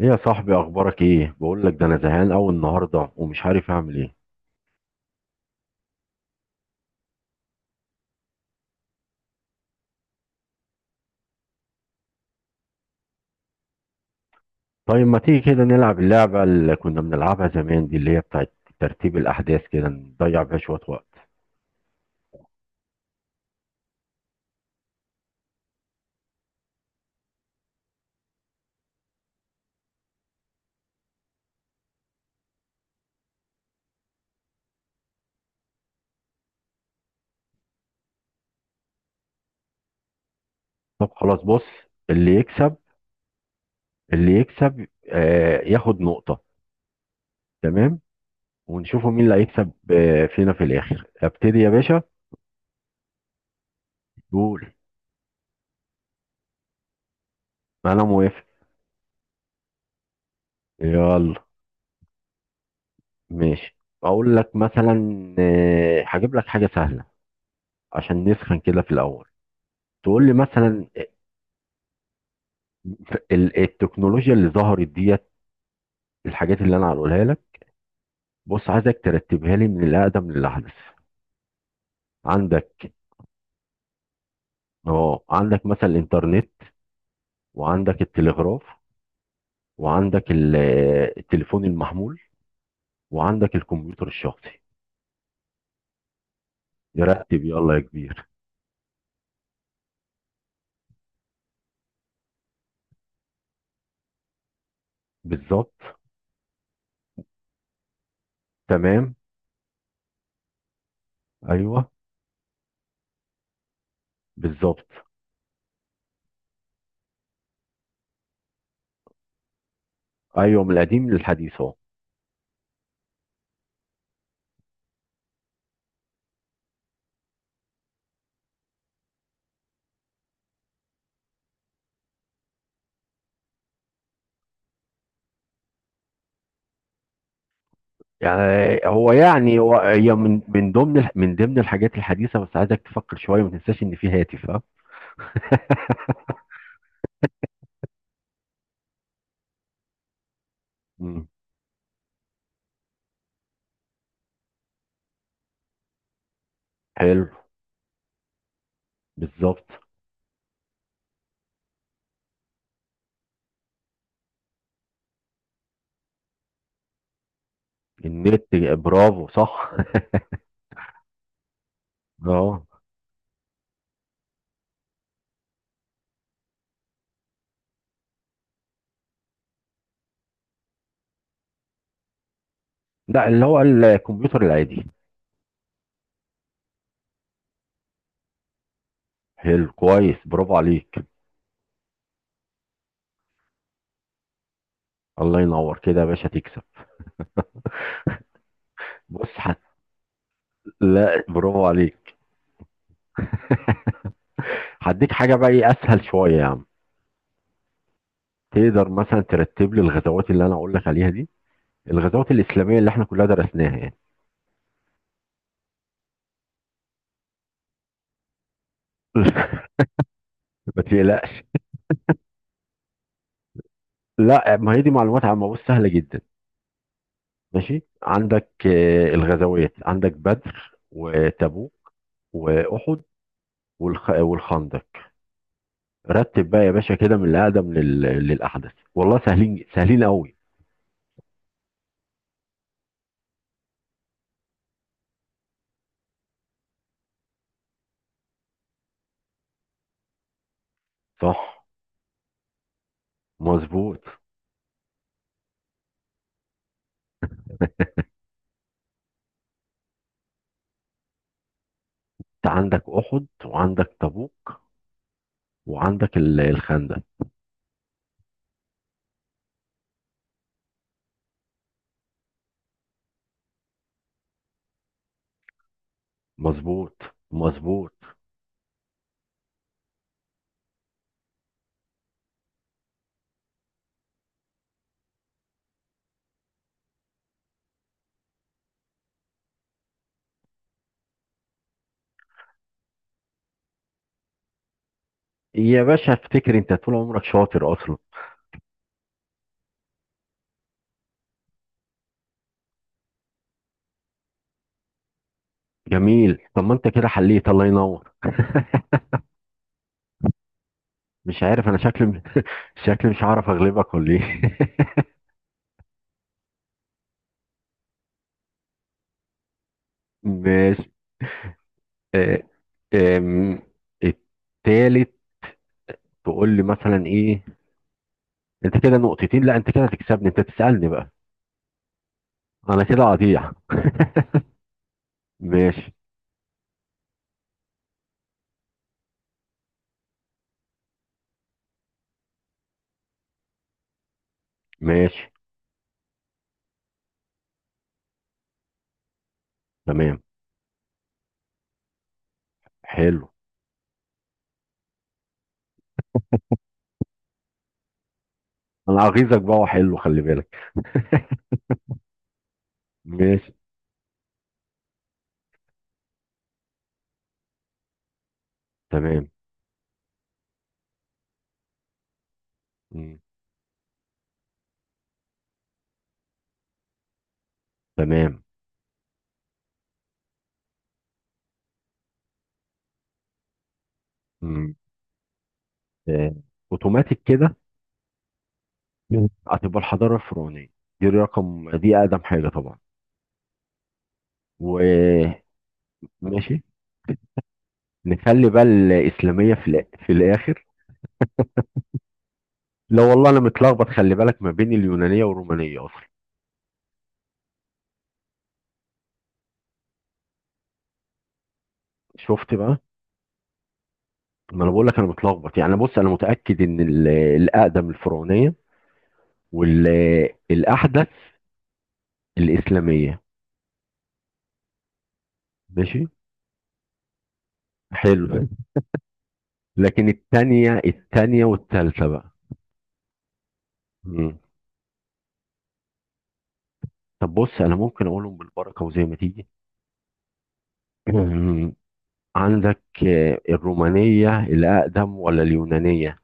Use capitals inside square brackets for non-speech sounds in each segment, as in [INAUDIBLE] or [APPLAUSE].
ايه يا صاحبي، اخبارك ايه؟ بقول لك ده انا زهقان قوي النهارده ومش عارف اعمل ايه. طيب، ما تيجي كده نلعب اللعبه اللي كنا بنلعبها زمان دي، اللي هي بتاعت ترتيب الاحداث، كده نضيع بيها شويه وقت. طب خلاص، بص. اللي يكسب اللي يكسب ياخد نقطه. تمام. ونشوفوا مين اللي هيكسب فينا في الاخر. ابتدي يا باشا. قول. انا موافق. يلا. ماشي. اقول لك مثلا، هجيب لك حاجه سهله عشان نسخن كده في الاول. تقول لي مثلا التكنولوجيا اللي ظهرت ديت، الحاجات اللي انا هقولها لك، بص عايزك ترتبها لي من الاقدم للاحدث. عندك. اه، عندك مثلا الانترنت، وعندك التلغراف، وعندك التليفون المحمول، وعندك الكمبيوتر الشخصي. نرتب يلا يا كبير. بالظبط. تمام. ايوه. بالظبط. ايوه، من القديم للحديث اهو. يعني هو، يعني هو، هي من ضمن الحاجات الحديثه، بس عايزك تفكر شويه، ما تنساش ان في هاتف ها. مم. حلو. بالظبط. النت، برافو، صح. [LAUGHS] اه، لا، اللي هو الكمبيوتر العادي. حلو، كويس، برافو عليك. الله ينور كده يا باشا، تكسب. بص لا، برافو عليك. هديك حاجه بقى، ايه اسهل شويه يا عم. تقدر مثلا ترتب لي الغزوات اللي انا اقول لك عليها دي، الغزوات الاسلاميه اللي احنا كلها درسناها يعني. [LAUGHS] ما تقلقش. لا، ما هي دي معلومات عامه، بص سهله جدا. ماشي. عندك الغزوات، عندك بدر وتبوك، واحد، والخندق. رتب بقى يا باشا كده من الأقدم للأحدث، والله سهلين سهلين قوي. صح. مظبوط. انت عندك أحد، وعندك تبوك، وعندك الخندق. مظبوط. مظبوط. يا باشا افتكر انت طول عمرك شاطر اصلا. جميل، طب ما انت كده حليت، الله ينور. مش عارف انا شكلي [LAUGHS] شكلي مش هعرف اغلبك ولا ايه؟ [LAUGHS] ماشي. آه، آم، التالت. تقول لي مثلا ايه؟ انت كده نقطتين؟ لا، انت كده هتكسبني. انت تسألني بقى. انا كده قطيع. [LAUGHS] ماشي. ماشي. تمام. حلو. انا اغيظك بقى، وحلو، خلي بالك. ماشي. تمام. مم. تمام. مم. آه، اوتوماتيك كده. هتبقى الحضاره الفرعونيه، دي اقدم حاجه طبعا. وماشي. نخلي بقى الاسلاميه في في الاخر. لا والله انا متلخبط، خلي بالك، ما بين اليونانيه والرومانيه اصلا. شفت بقى؟ ما انا بقول لك انا متلخبط يعني. بص انا متاكد ان الاقدم الفرعونيه، والاحدث الإسلامية. ماشي. حلو. لكن التانية، والتالتة بقى. مم. طب بص، أنا ممكن أقولهم بالبركة وزي ما تيجي. مم. [CLEARS THROAT] عندك الرومانية الأقدم ولا اليونانية؟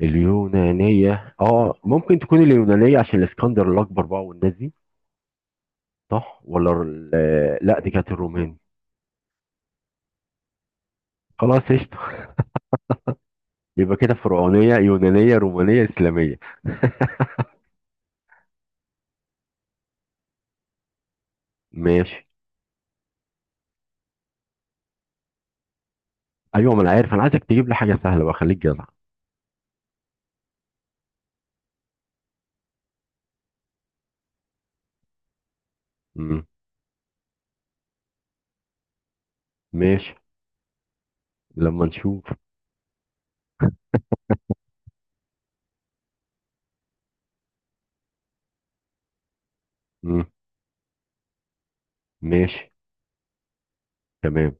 اليونانية، اه ممكن تكون اليونانية عشان الاسكندر الأكبر بقى والناس دي. صح، ولا لا دي كانت الرومان. خلاص، قشطة. [LAUGHS] يبقى كده فرعونية، يونانية، رومانية، إسلامية. ماشي. أيوة، ما أنا عارف. أنا عايزك تجيب لي حاجة سهلة بقى، خليك جدع. مم. ماشي، لما نشوف. مم. ماشي. تمام.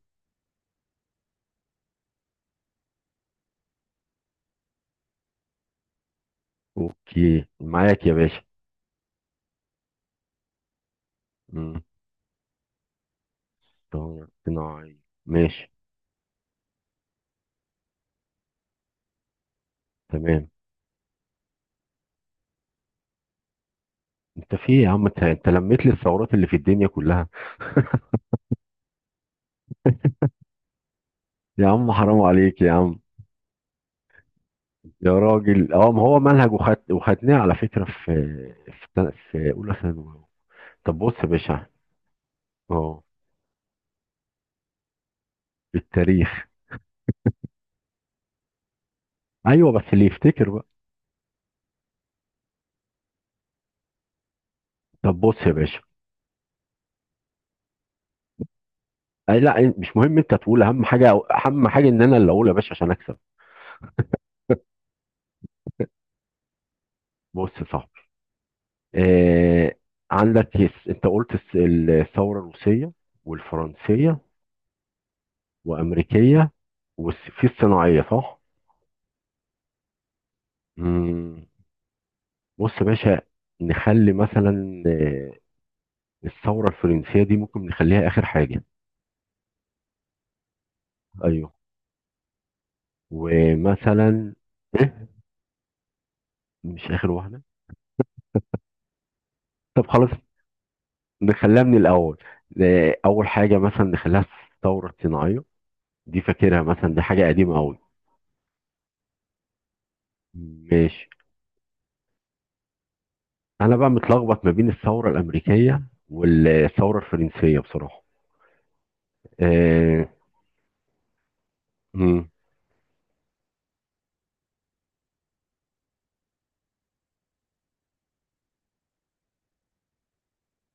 اوكي، معاك يا باشا. مم. طبعاً صناعي. ماشي. تمام. انت في إيه يا عم، انت لميت لي الثورات اللي في الدنيا كلها. يا عم حرام عليك يا عم. يا راجل، اه ما هو منهج، وخدناه على فكرة في اولى ثانوي. طب بص يا باشا. اه، التاريخ. ايوه، بس اللي يفتكر بقى. طب بص يا باشا، أي، لا مش مهم انت تقول، اهم حاجة، اهم حاجة ان انا اللي اقول يا باشا عشان اكسب. بص، صح. آه، عندك يس، انت قلت الثورة الروسية والفرنسية وأمريكية، وفي الصناعية صح؟ مم. بص يا باشا، نخلي مثلا الثورة الفرنسية دي ممكن نخليها آخر حاجة. أيوه. ومثلا، إيه؟ مش آخر واحدة؟ طب خلاص، نخليها من الأول. أول حاجة مثلا نخليها الثورة الصناعية، دي فاكرها مثلا، دي حاجة قديمة أوي. ماشي. انا بقى متلخبط ما بين الثوره الامريكيه والثوره الفرنسيه بصراحه. آه مم،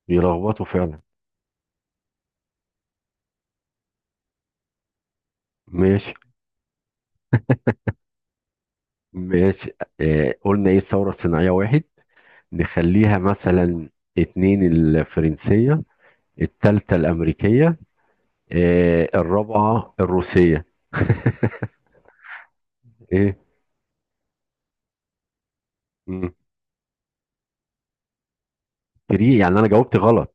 بيلخبطوا فعلا. ماشي. ماشي. قلنا ايه، الثوره الصناعيه واحد، نخليها مثلا اتنين الفرنسيه، التالتة الامريكيه، الرابعه الروسيه. [LAUGHS] ايه. مم. تري، يعني انا جاوبت غلط.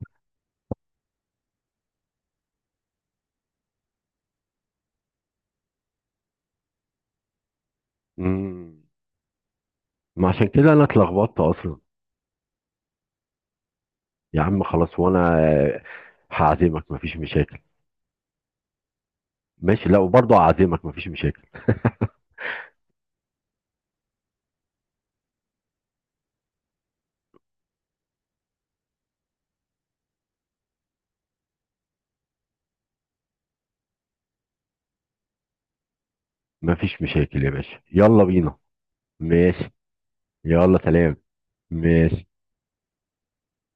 مم. ما عشان كده انا اتلخبطت اصلا. يا عم خلاص، وانا هعزمك، مفيش مشاكل. ماشي. لا، وبرضه هعزمك، مفيش مشاكل. مفيش مشاكل يا باشا، يلا بينا. ماشي. يلا، سلام. ماشي.